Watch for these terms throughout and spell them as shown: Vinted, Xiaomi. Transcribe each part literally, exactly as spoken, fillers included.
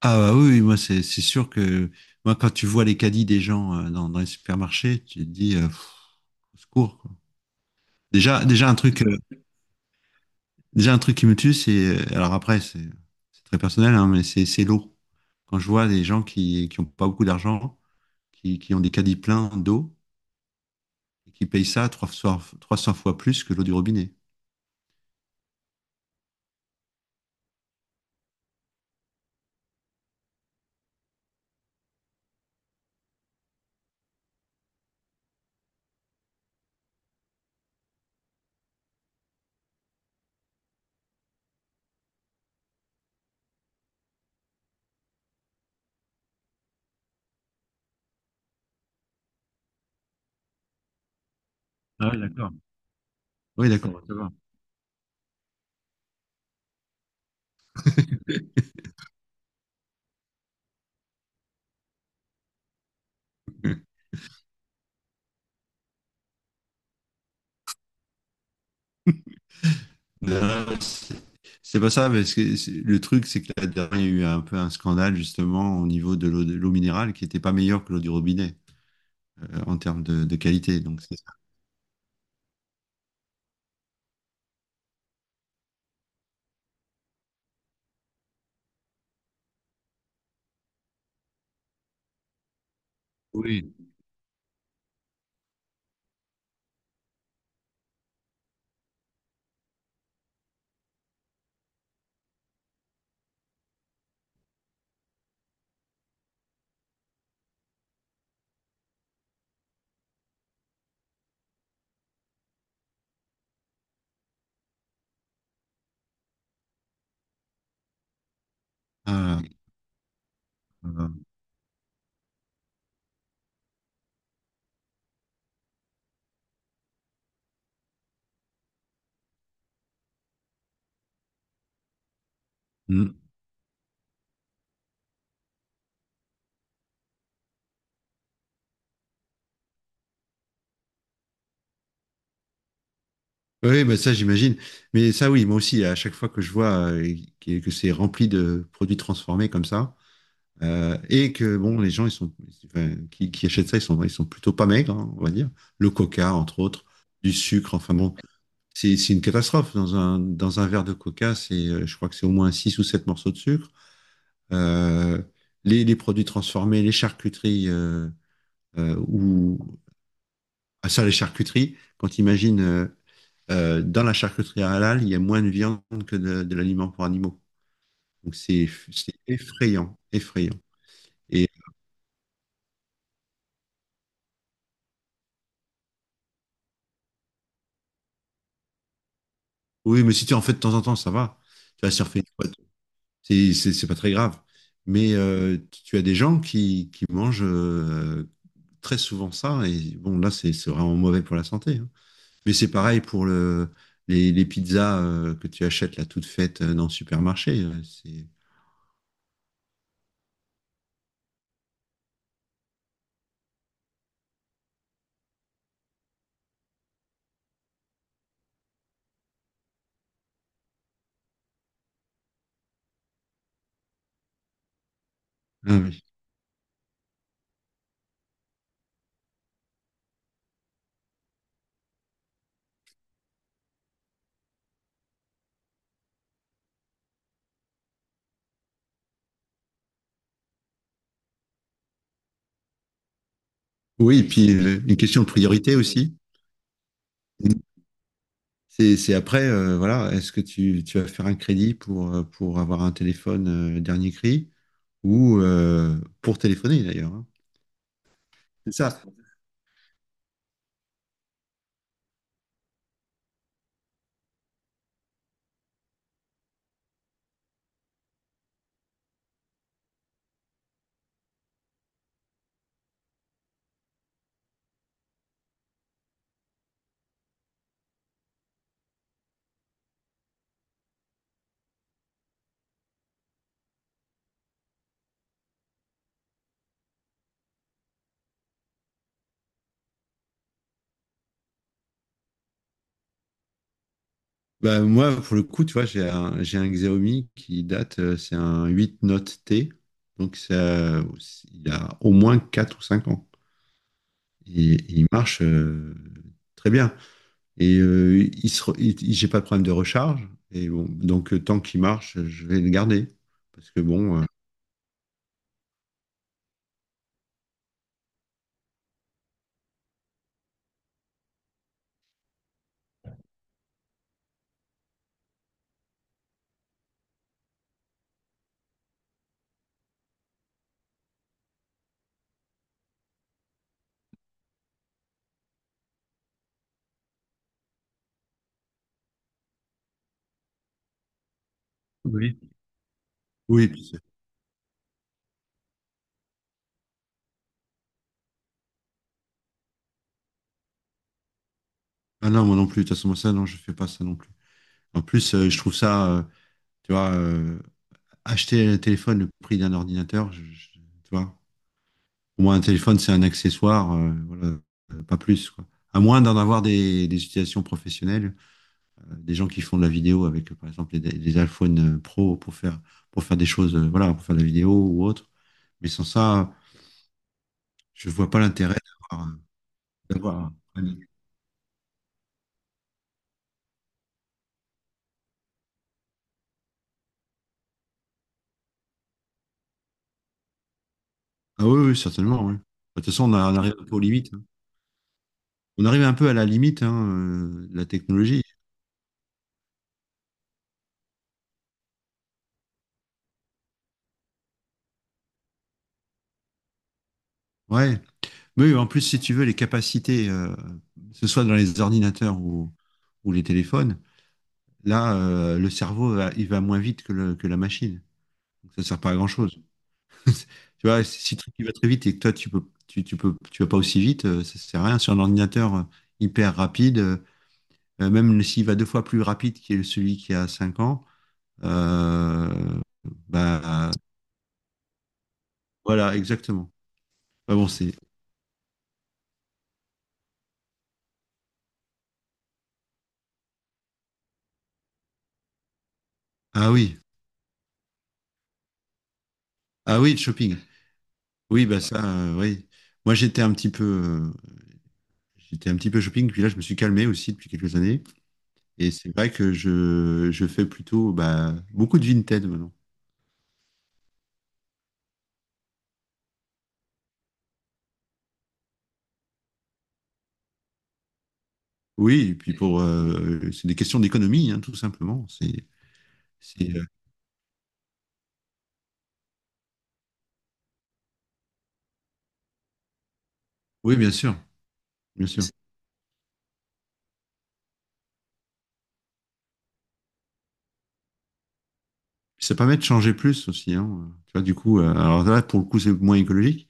Ah, bah oui, oui, moi c'est c'est sûr que moi, quand tu vois les caddies des gens, euh, dans, dans les supermarchés, tu te dis, euh, pff, au secours, quoi. Déjà déjà un truc euh, déjà un truc qui me tue, c'est euh, alors après, c'est c'est très personnel, hein, mais c'est c'est l'eau. Quand je vois des gens qui qui ont pas beaucoup d'argent, qui qui ont des caddies pleins d'eau et qui payent ça trois fois trois cents fois plus que l'eau du robinet. Ah oui, d'accord. Oui, d'accord, ça va. Non, c'est c'est pas ça, parce que c'est- le truc, c'est que la dernière, il y a eu un peu un scandale, justement, au niveau de l'eau de l'eau minérale, qui n'était pas meilleure que l'eau du robinet, euh, en termes de, de qualité. Donc c'est ça. Ah, ah, hmm. Oui, bah, ça j'imagine. Mais ça oui, moi aussi, à chaque fois que je vois, euh, que, que c'est rempli de produits transformés comme ça, euh, et que, bon, les gens ils sont, enfin, qui, qui achètent ça, ils sont, ils sont plutôt pas maigres, hein, on va dire. Le coca, entre autres, du sucre, enfin bon. C'est c'est une catastrophe. Dans un, dans un verre de coca, c'est, euh, je crois que c'est au moins six ou sept morceaux de sucre. Euh, les, les produits transformés, les charcuteries, euh, euh, ou ah, ça, les charcuteries, quand imagine, euh, euh, dans la charcuterie halal, il y a moins de viande que de, de l'aliment pour animaux. Donc c'est c'est effrayant, effrayant. Et oui, mais si tu en fais de temps en temps, ça va. Tu vas surfer une fois, c'est c'est- c'est pas très grave. Mais, euh, tu as des gens qui, qui mangent, euh, très souvent, ça. Et bon, là, c'est c'est vraiment mauvais pour la santé, hein. Mais c'est pareil pour le, les, les pizzas, euh, que tu achètes là toutes faites, euh, dans le supermarché. euh, c'est... Ah oui. Oui, et puis, euh, une question de priorité aussi. C'est c'est après, euh, voilà, est-ce que tu, tu vas faire un crédit pour, euh, pour avoir un téléphone, euh, dernier cri, ou, euh, pour téléphoner d'ailleurs, hein. C'est ça. Bah, moi, pour le coup, tu vois, j'ai un, j'ai un Xiaomi qui date, euh, c'est un huit Note T. Donc, ça, il a au moins quatre ou cinq ans. Et, et il marche, euh, très bien. Et, euh, il se re- il- il- j'ai pas de problème de recharge. Et bon, donc, euh, tant qu'il marche, je vais le garder. Parce que, bon. euh, Oui. Oui. puis c'est- Ah non, moi non plus. De toute façon, moi, ça, non, je fais pas ça non plus. En plus, euh, je trouve ça, euh, tu vois, euh, acheter un téléphone le prix d'un ordinateur, je- je- tu vois. Pour moi, un téléphone, c'est un accessoire, euh, voilà, euh, pas plus, quoi. À moins d'en avoir des, des utilisations professionnelles, euh, des gens qui font de la vidéo avec, euh, par exemple, les, les iPhone, euh, Pro, pour faire, pour faire des choses, euh, voilà, pour faire de la vidéo ou autre. Mais sans ça, je vois pas l'intérêt d'avoir. euh, d'avoir un- Ah oui, oui, certainement, oui. De toute façon, on, a- on arrive un peu aux limites, hein. On arrive un peu à la limite, hein, euh, de la technologie. Ouais. Mais oui, en plus, si tu veux, les capacités, euh, que ce soit dans les ordinateurs, ou, ou les téléphones, là, euh, le cerveau, va- il va moins vite que, le- que la machine. Donc, ça ne sert pas à grand-chose. Tu vois, si si le truc il va très vite et que toi, tu peux, tu, tu peux, tu vas pas aussi vite, euh, ça sert à rien. Sur un ordinateur, euh, hyper rapide, euh, euh, même s'il va deux fois plus rapide que celui qui a cinq ans, euh, bah, voilà, exactement. Ah bon, c'est. Ah oui, ah oui, le shopping. Oui, bah ça, euh, oui. Moi, j'étais un petit peu, euh, j'étais un petit peu shopping, puis là, je me suis calmé aussi depuis quelques années. Et c'est vrai que je, je fais plutôt, bah, beaucoup de Vinted maintenant. Oui, et puis, pour euh, c'est des questions d'économie, hein, tout simplement. C'est, c'est, euh, oui, bien sûr, bien sûr. Puis ça permet de changer plus aussi, hein. Tu vois, du coup, euh, alors là, pour le coup, c'est moins écologique.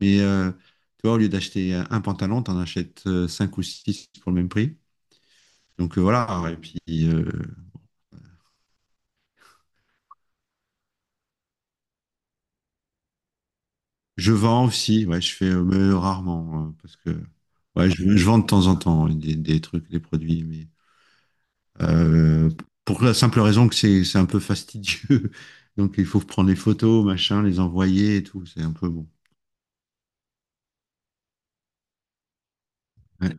Mais, euh, tu vois, au lieu d'acheter un pantalon, tu en achètes, euh, cinq ou six pour le même prix. Donc, euh, voilà. Et puis, euh, je vends aussi. Ouais, je fais, euh, mais rarement, euh, parce que ouais, je, je vends de temps en temps, ouais, des, des trucs, des produits, mais, euh, pour la simple raison que c'est c'est un peu fastidieux. Donc il faut prendre les photos, machin, les envoyer et tout. C'est un peu, bon. Ouais,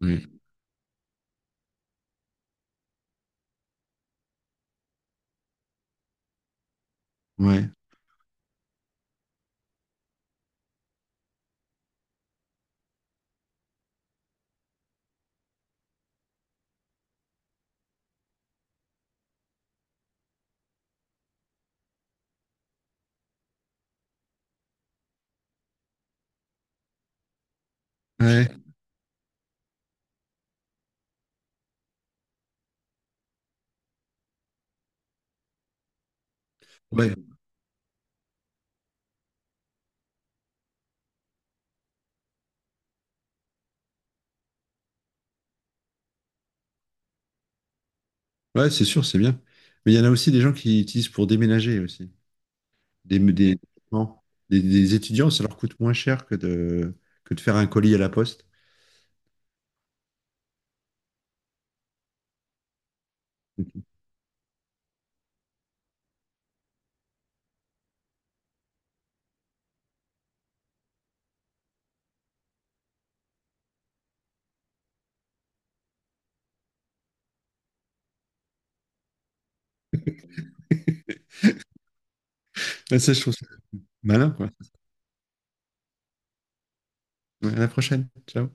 ouais, ouais, ouais, ouais. Ouais, c'est sûr, c'est bien. Mais il y en a aussi, des gens qui utilisent pour déménager aussi. Des, des, non, des, des étudiants, ça leur coûte moins cher que de, que de faire un colis à la poste. Ouais, ça, je trouve ça malin, quoi. Ouais, à la prochaine. Ciao.